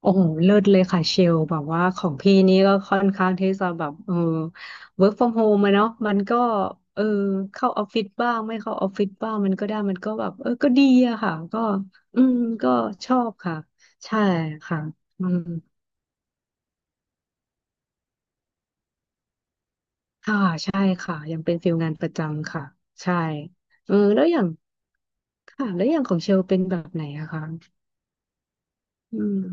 โอ้โหเลิศเลยค่ะเชลแบบว่าของพี่นี่ก็ค่อนข้างที่จะแบบwork from home อะเนาะมันก็เออเข้าออฟฟิศบ้างไม่เข้าออฟฟิศบ้างมันก็ได้มันก็แบบก็ดีอะค่ะก็อืมก็ชอบค่ะใช่ค่ะอืมค่ะใช่ค่ะยังเป็นฟิลงานประจำค่ะใช่แล้วอย่างค่ะแล้วอย่างของเชลเป็นแบบไหนอะคะอืม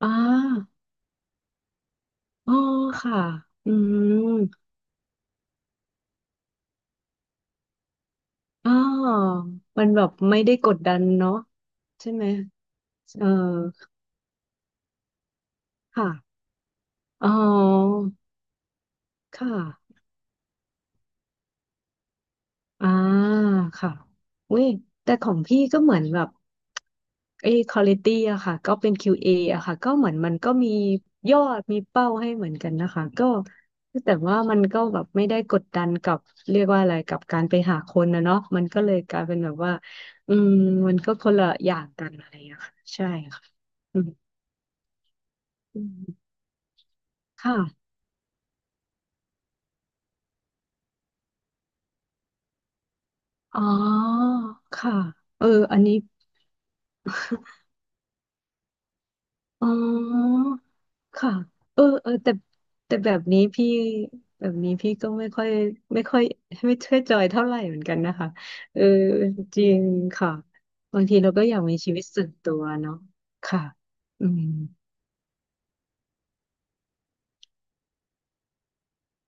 อ่าอ๋อค่ะอืม อ๋อมันแบบไม่ได้กดดันเนาะใช่ไหมเออค่ะอ๋อค่ะอ่าค่ะเว้ยแต่ของพี่ก็เหมือนแบบไอ้ควอลิตี้อะค่ะก็เป็น QA ออะค่ะก็เหมือนมันก็มียอดมีเป้าให้เหมือนกันนะคะก็แต่ว่ามันก็แบบไม่ได้กดดันกับเรียกว่าอะไรกับการไปหาคนนะเนาะมันก็เลยกลายเป็นแบบว่าอืมมันก็คนละอย่างกันอะไรอะค่ะใช่ค่ะอืม ค่ะ อ๋อ ค่ะเอออันนี้ อ๋อ ค่ะเอออแต่แต่แบบนี้พี่แบบนี้พี่ก็ไม่ค่อยไม่ค่อยไม่ค่อยจอยเท่าไหร่เหมือนกันนะคะเออจริงค่ะ บางทีเราก็อยากมีชีวิตส่วนตัวเนาะค่ะอืม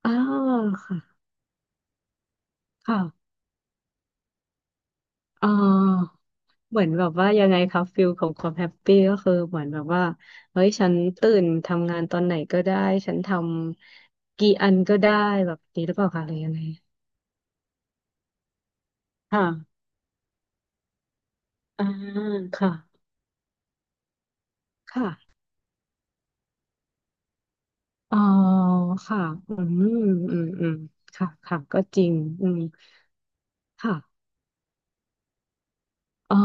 อ้าวค่ะค่ะ อ๋อ เหมือนแบบว่ายังไงครับฟิลของความแฮปปี้ก็คือเหมือนแบบว่าเฮ้ยฉันตื่นทำงานตอนไหนก็ได้ฉันทำกี่อันก็ได้แบบนี้หรือเปล่าคะหรือยังไงค่ะอ่าค่ะค่ะอ๋อค่ะอืมอืมค่ะค่ะก็จริงอืมค่ะอ๋อ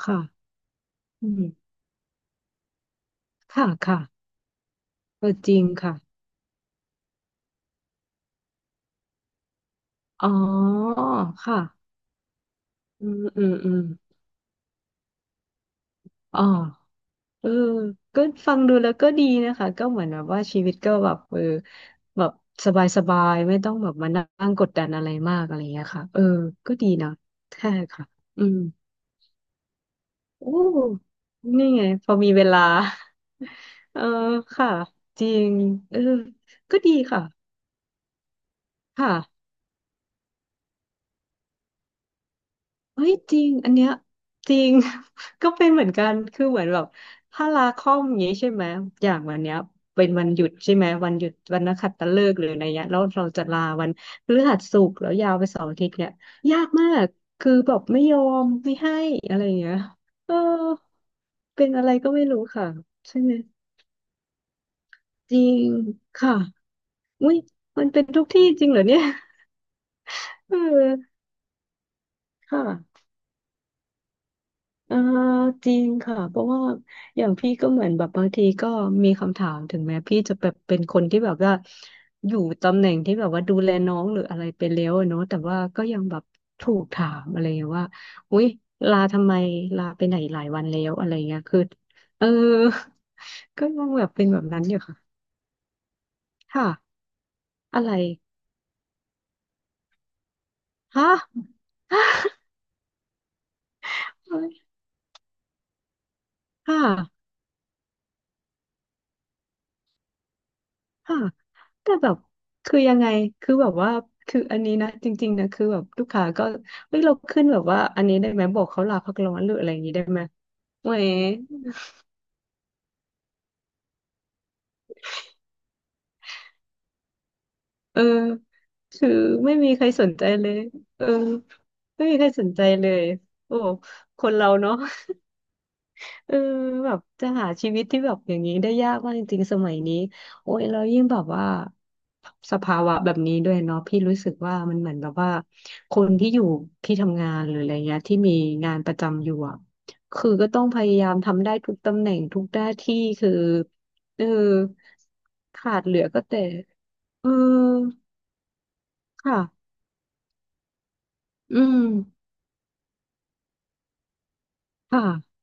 ค่ะอืมค่ะค่ะก็จริงค่ะอ๋อค่ะอืมอ๋อ เออก็ฟังดูแล้วก็ดีนะคะ ก็เหมือนแบบว่าชีวิตก็แบบแบบสบายๆไม่ต้องแบบมานั่งกดดันอะไรมากอะไรอย่างเงี้ยค่ะเออก็ดีเนาะใช่ค่ะ อืมโอ้นี่ไงพอมีเวลา เออค่ะ จริงเออก็ดีค่ะ ค่ะ เฮ้ยจริงอันเนี้ยจริง ก็เป็นเหมือนกันคือเหมือนแบบถ้าลาคอมอย่างนี้ใช่ไหมอย่างวันเนี้ยเป็นวันหยุดใช่ไหมวันหยุดวันนักขัตฤกษ์หรืออะไรเงี้ยแล้วเราจะลาวันพฤหัสศุกร์แล้วยาวไปเสาร์อาทิตย์เนี่ยยากมากคือแบบไม่ยอมไม่ให้อะไรอย่างเงี้ยเออเป็นอะไรก็ไม่รู้ค่ะใช่ไหมจริงค่ะอุ้ยมันเป็นทุกที่จริงเหรอเนี่ย เออค่ะ เออจริงค่ะเพราะว่าอย่างพี่ก็เหมือนแบบบางทีก็มีคำถามถึงแม้พี่จะแบบเป็นคนที่แบบว่าอยู่ตำแหน่งที่แบบว่าดูแลน้องหรืออะไรไปแล้วอะเนาะแต่ว่าก็ยังแบบถูกถามอะไรอย่างเงี้ยว่าอุ๊ยลาทำไมลาไปไหนหลายวันแล้วอะไรเงี้ยคือเออ ก็ยังแบบเป็นแบบนั้นอยู่ค่ะค่ะอะไรฮะ ค่ะ ค่ะแต่แบบคือยังไงคือแบบว่าคืออันนี้นะ จริงๆนะ คือแบบลูกค้าก็เฮ้ยเราขึ้นแบบว่าอันนี้ได้ไหมบอกเขาลาพักร้อนหรืออะไรอย่างนี้ได้ไหมแหมเออคือไม่มีใครสนใจเลยเออไม่มีใครสนใจเลยโอ้คนเราเนาะ เออแบบจะหาชีวิตที่แบบอย่างนี้ได้ยากมากจริงๆสมัยนี้โอ้ยแล้วยิ่งแบบว่าสภาวะแบบนี้ด้วยเนาะพี่รู้สึกว่ามันเหมือนแบบว่าคนที่อยู่ที่ทำงานหรืออะไรเงี้ยที่มีงานประจำอยู่อะคือก็ต้องพยายามทำได้ทุกตำแหน่งทุกหน้าที่คือเออขาดเหลือก็แต่เออค่ะอืมค่ะ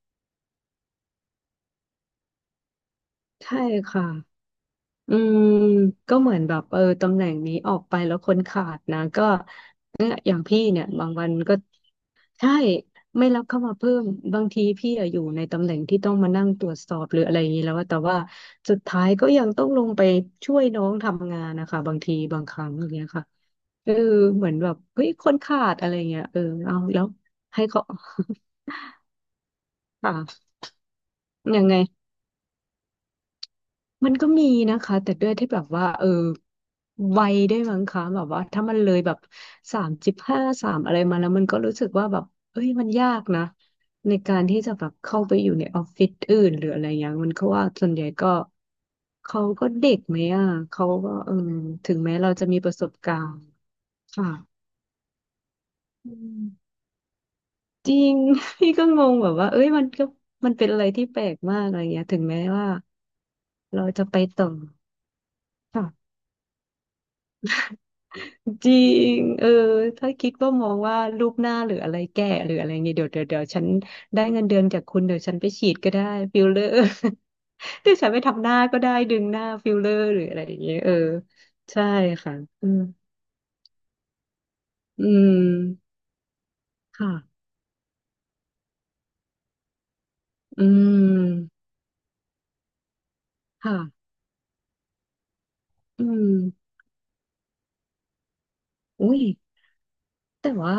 ใช่ค่ะ อืมก็เหมือนแบบตำแหน่งนี้ออกไปแล้วคนขาดนะก็เนี่ยอย่างพี่เนี่ยบางวันก็ใช่ไม่รับเข้ามาเพิ่มบางทีพี่อะอยู่ในตำแหน่งที่ต้องมานั่งตรวจสอบหรืออะไรอย่างนี้แล้วอะแต่ว่าสุดท้ายก็ยังต้องลงไปช่วยน้องทำงานนะคะบางทีบางครั้งอย่างเงี้ยค่ะเออเหมือนแบบเฮ้ยคนขาดอะไรเงี้ยเออเอาแล้วให้เขา ค่ะยังไง มันก็มีนะคะแต่ด้วยที่แบบว่าเออวัยได้วยมั้งคะแบบว่าถ้ามันเลยแบบ35สามอะไรมาแล้วมันก็รู้สึกว่าแบบเอ้ยมันยากนะในการที่จะแบบเข้าไปอยู่ในออฟฟิศอื่นหรืออะไรอย่างเงี้ยมันก็ว่าส่วนใหญ่ก็เขาก็เด็กไหมอ่ะเขาก็เออถึงแม้เราจะมีประสบการณ์ค่ะอืมจริง พี่ก็งงแบบว่าเอ้ยมันก็มันเป็นอะไรที่แปลกมากอะไรเงี้ยถึงแม้ว่าเราจะไปต่อค่ะ จริงเออถ้าคิดว่ามองว่ารูปหน้าหรืออะไรแก่หรืออะไรเงี้ยเดี๋ยวฉันได้เงินเดือนจากคุณเดี๋ยวฉันไปฉีดก็ได้ฟิลเลอร์ เดี๋ยวฉันไปทำหน้าก็ได้ดึงหน้าฟิลเลอร์หรืออะไรอย่างเงี้ยเออใช่ค่ะ อืมอืมค่ะอืมค่ะอืมอุ้ย แต่ว่า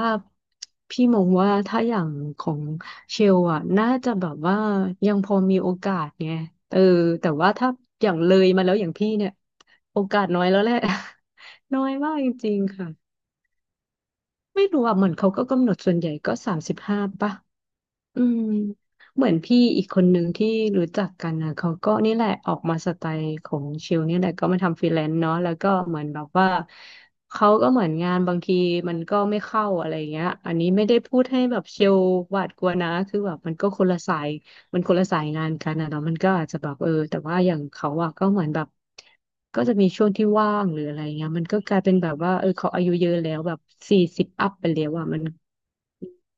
พี่มองว่าถ้าอย่างของเชลอ่ะน่าจะแบบว่ายังพอมีโอกาสไงเออแต่ว่าถ้าอย่างเลยมาแล้วอย่างพี่เนี่ยโอกาสน้อยแล้วแหละ น้อยมากจริงๆค่ะไม่รู้อ่ะเหมือนเขาก็กำหนดส่วนใหญ่ก็สามสิบห้าป่ะ อืมเหมือนพี่อีกคนนึงที่รู้จักกันนะเขาก็นี่แหละออกมาสไตล์ของชิลนี่แหละก็มาทำฟรีแลนซ์เนาะแล้วก็เหมือนแบบว่าเขาก็เหมือนงานบางทีมันก็ไม่เข้าอะไรเงี้ยอันนี้ไม่ได้พูดให้แบบชิลหวาดกลัวนะคือแบบมันก็คนละสายมันคนละสายงานกันนะเนาะมันก็อาจจะแบบเออแต่ว่าอย่างเขาอะก็เหมือนแบบก็จะมีช่วงที่ว่างหรืออะไรเงี้ยมันก็กลายเป็นแบบว่าเออเขาอายุเยอะแล้วแบบสี่สิบอัพไปแล้วอะมัน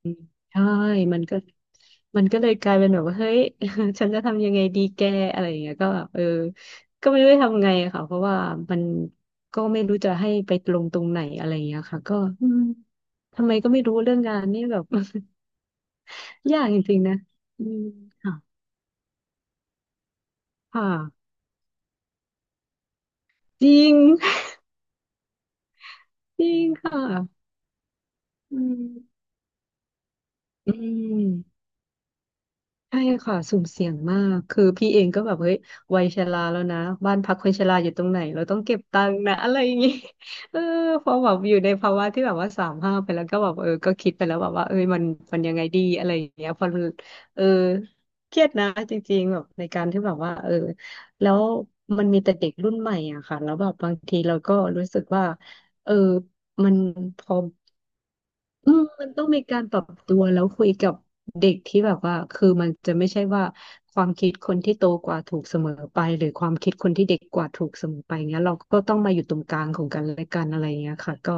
อืมใช่มันก็มันก็เลยกลายเป็นแบบว่าเฮ้ย ฉันจะทำยังไงดีแกอะไรอย่างเงี้ยก็แบบเออก็ไม่รู้จะทำไงอะค่ะเพราะว่ามันก็ไม่รู้จะให้ไปลงตรงไหนอะไรอย่างเงี้ยค่ะก็อืมทำไมก็ไม่รู้เรื่องงานนี่แบบ ยากจริงๆนะอืมค่ะค่ะจริง จริงค่ะอืมอืม ใช่ค่ะสุ่มเสี่ยงมากคือพี่เองก็แบบเฮ้ยวัยชราแล้วนะบ้านพักคนชราอยู่ตรงไหนเราต้องเก็บตังค์นะอะไรอย่างงี้ เออพอแบบอยู่ในภาวะที่แบบว่าสามห้าไปแล้วก็แบบเออก็คิดไปแล้วแบบว่าเอ้ยมันยังไงดีอะไรอย่างเงี้ยพอเออเครียดนะจริงๆแบบในการที่แบบว่าเออแล้วมันมีแต่เด็กรุ่นใหม่อะค่ะแล้วแบบบางทีเราก็รู้สึกว่าเออมันพอ อืมมันต้องมีการปรับตัวแล้วคุยกับเด็กที่แบบว่าคือมันจะไม่ใช่ว่าความคิดคนที่โตกว่าถูกเสมอไปหรือความคิดคนที่เด็กกว่าถูกเสมอไปเงี้ยเราก็ต้องมาอยู่ตรงกลางของกันและกันอะไรเงี้ยค่ะก็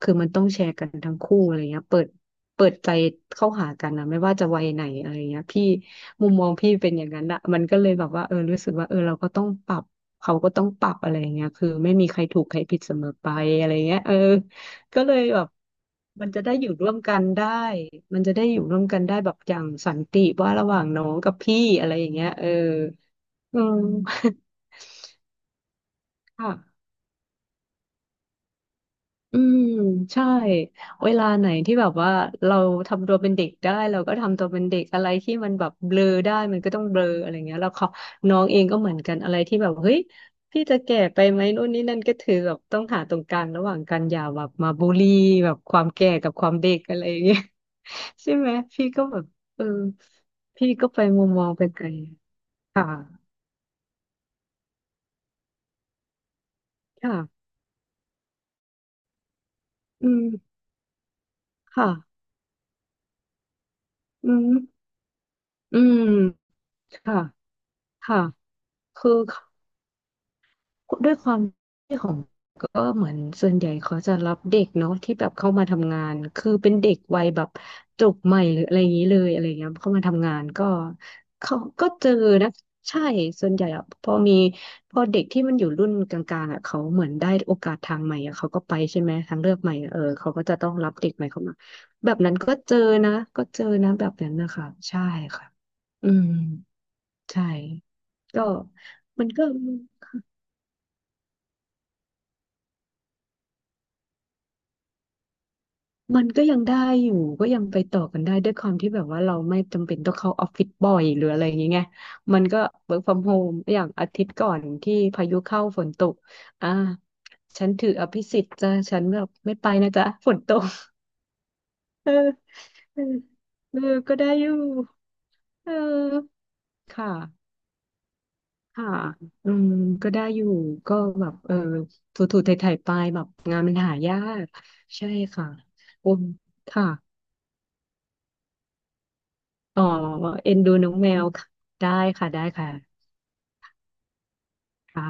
คือมันต้องแชร์กันทั้งคู่อะไรเงี้ยเปิดใจเข้าหากันนะไม่ว่าจะวัยไหนอะไรเงี้ยพี่มุมมองพี่เป็นอย่างนั้นอะมันก็เลยแบบว่าเออรู้สึกว่าเออเราก็ต้องปรับเขาก็ต้องปรับอะไรเงี้ยคือไม่มีใครถูกใครผิดเสมอไปอะไรเงี้ยเออ ก็เลยแบบมันจะได้อยู่ร่วมกันได้มันจะได้อยู่ร่วมกันได้แบบอย่างสันติว่าระหว่างน้องกับพี่อะไรอย่างเงี้ยเอออืม ค่ะ อืมใช่เวลาไหนที่แบบว่าเราทำตัวเป็นเด็กได้เราก็ทำตัวเป็นเด็กอะไรที่มันแบบเบลอได้มันก็ต้องเบลออะไรเงี้ยแล้วเขาน้องเองก็เหมือนกันอะไรที่แบบเฮ้ยพี่จะแก่ไปไหมนู่นนี่นั่นก็ถือแบบต้องหาตรงกลางระหว่างกันอย่าแบบมาบูลลี่แบบความแก่กับความเด็กอะไรอย่างเงี้ย ใช่ไหมพี่ก็แบบเออพี่ก็ไปมุมมองไปไกลค่ะค่ะอืมค่ะอืมอืมค่ะค่ะคือ ด้วยความที่ของก็เหมือนส่วนใหญ่เขาจะรับเด็กเนาะที่แบบเข้ามาทำงานคือเป็นเด็กวัยแบบจบใหม่หรืออะไรอย่างนี้เลยอะไรเงี้ยเข้ามาทำงานก็เขาก็เจอนะใช่ส่วนใหญ่อะพอมีพอเด็กที่มันอยู่รุ่นกลางๆอะเขาเหมือนได้โอกาสทางใหม่อะเขาก็ไปใช่ไหมทางเลือกใหม่อะเออเขาก็จะต้องรับเด็กใหม่เข้ามาแบบนั้นก็เจอนะก็เจอนะแบบนั้นนะคะใช่ค่ะอืมใช่ก็มันก็ มันก็ยังได้อยู่ก็ยังไปต่อกันได้ด้วยความที่แบบว่าเราไม่จำเป็นต้องเข้าออฟฟิศบ่อยหรืออะไรอย่างเงี้ยไงมันก็ work from home อย่างอาทิตย์ก่อนที่พายุเข้าฝนตกอ่าฉันถืออภิสิทธิ์จ้ะฉันแบบไม่ไปนะจ๊ะฝนตกเออเออเออก็ได้อยู่เออค่ะค่ะอืมก็ได้อยู่ก็แบบเออถูๆไถ่ๆไปแบบงานมันหายากใช่ค่ะโอ้ค่ะ อ๋อเอ็นดูน้องแมวค่ะได้ค่ะได้ค่ะค่ะ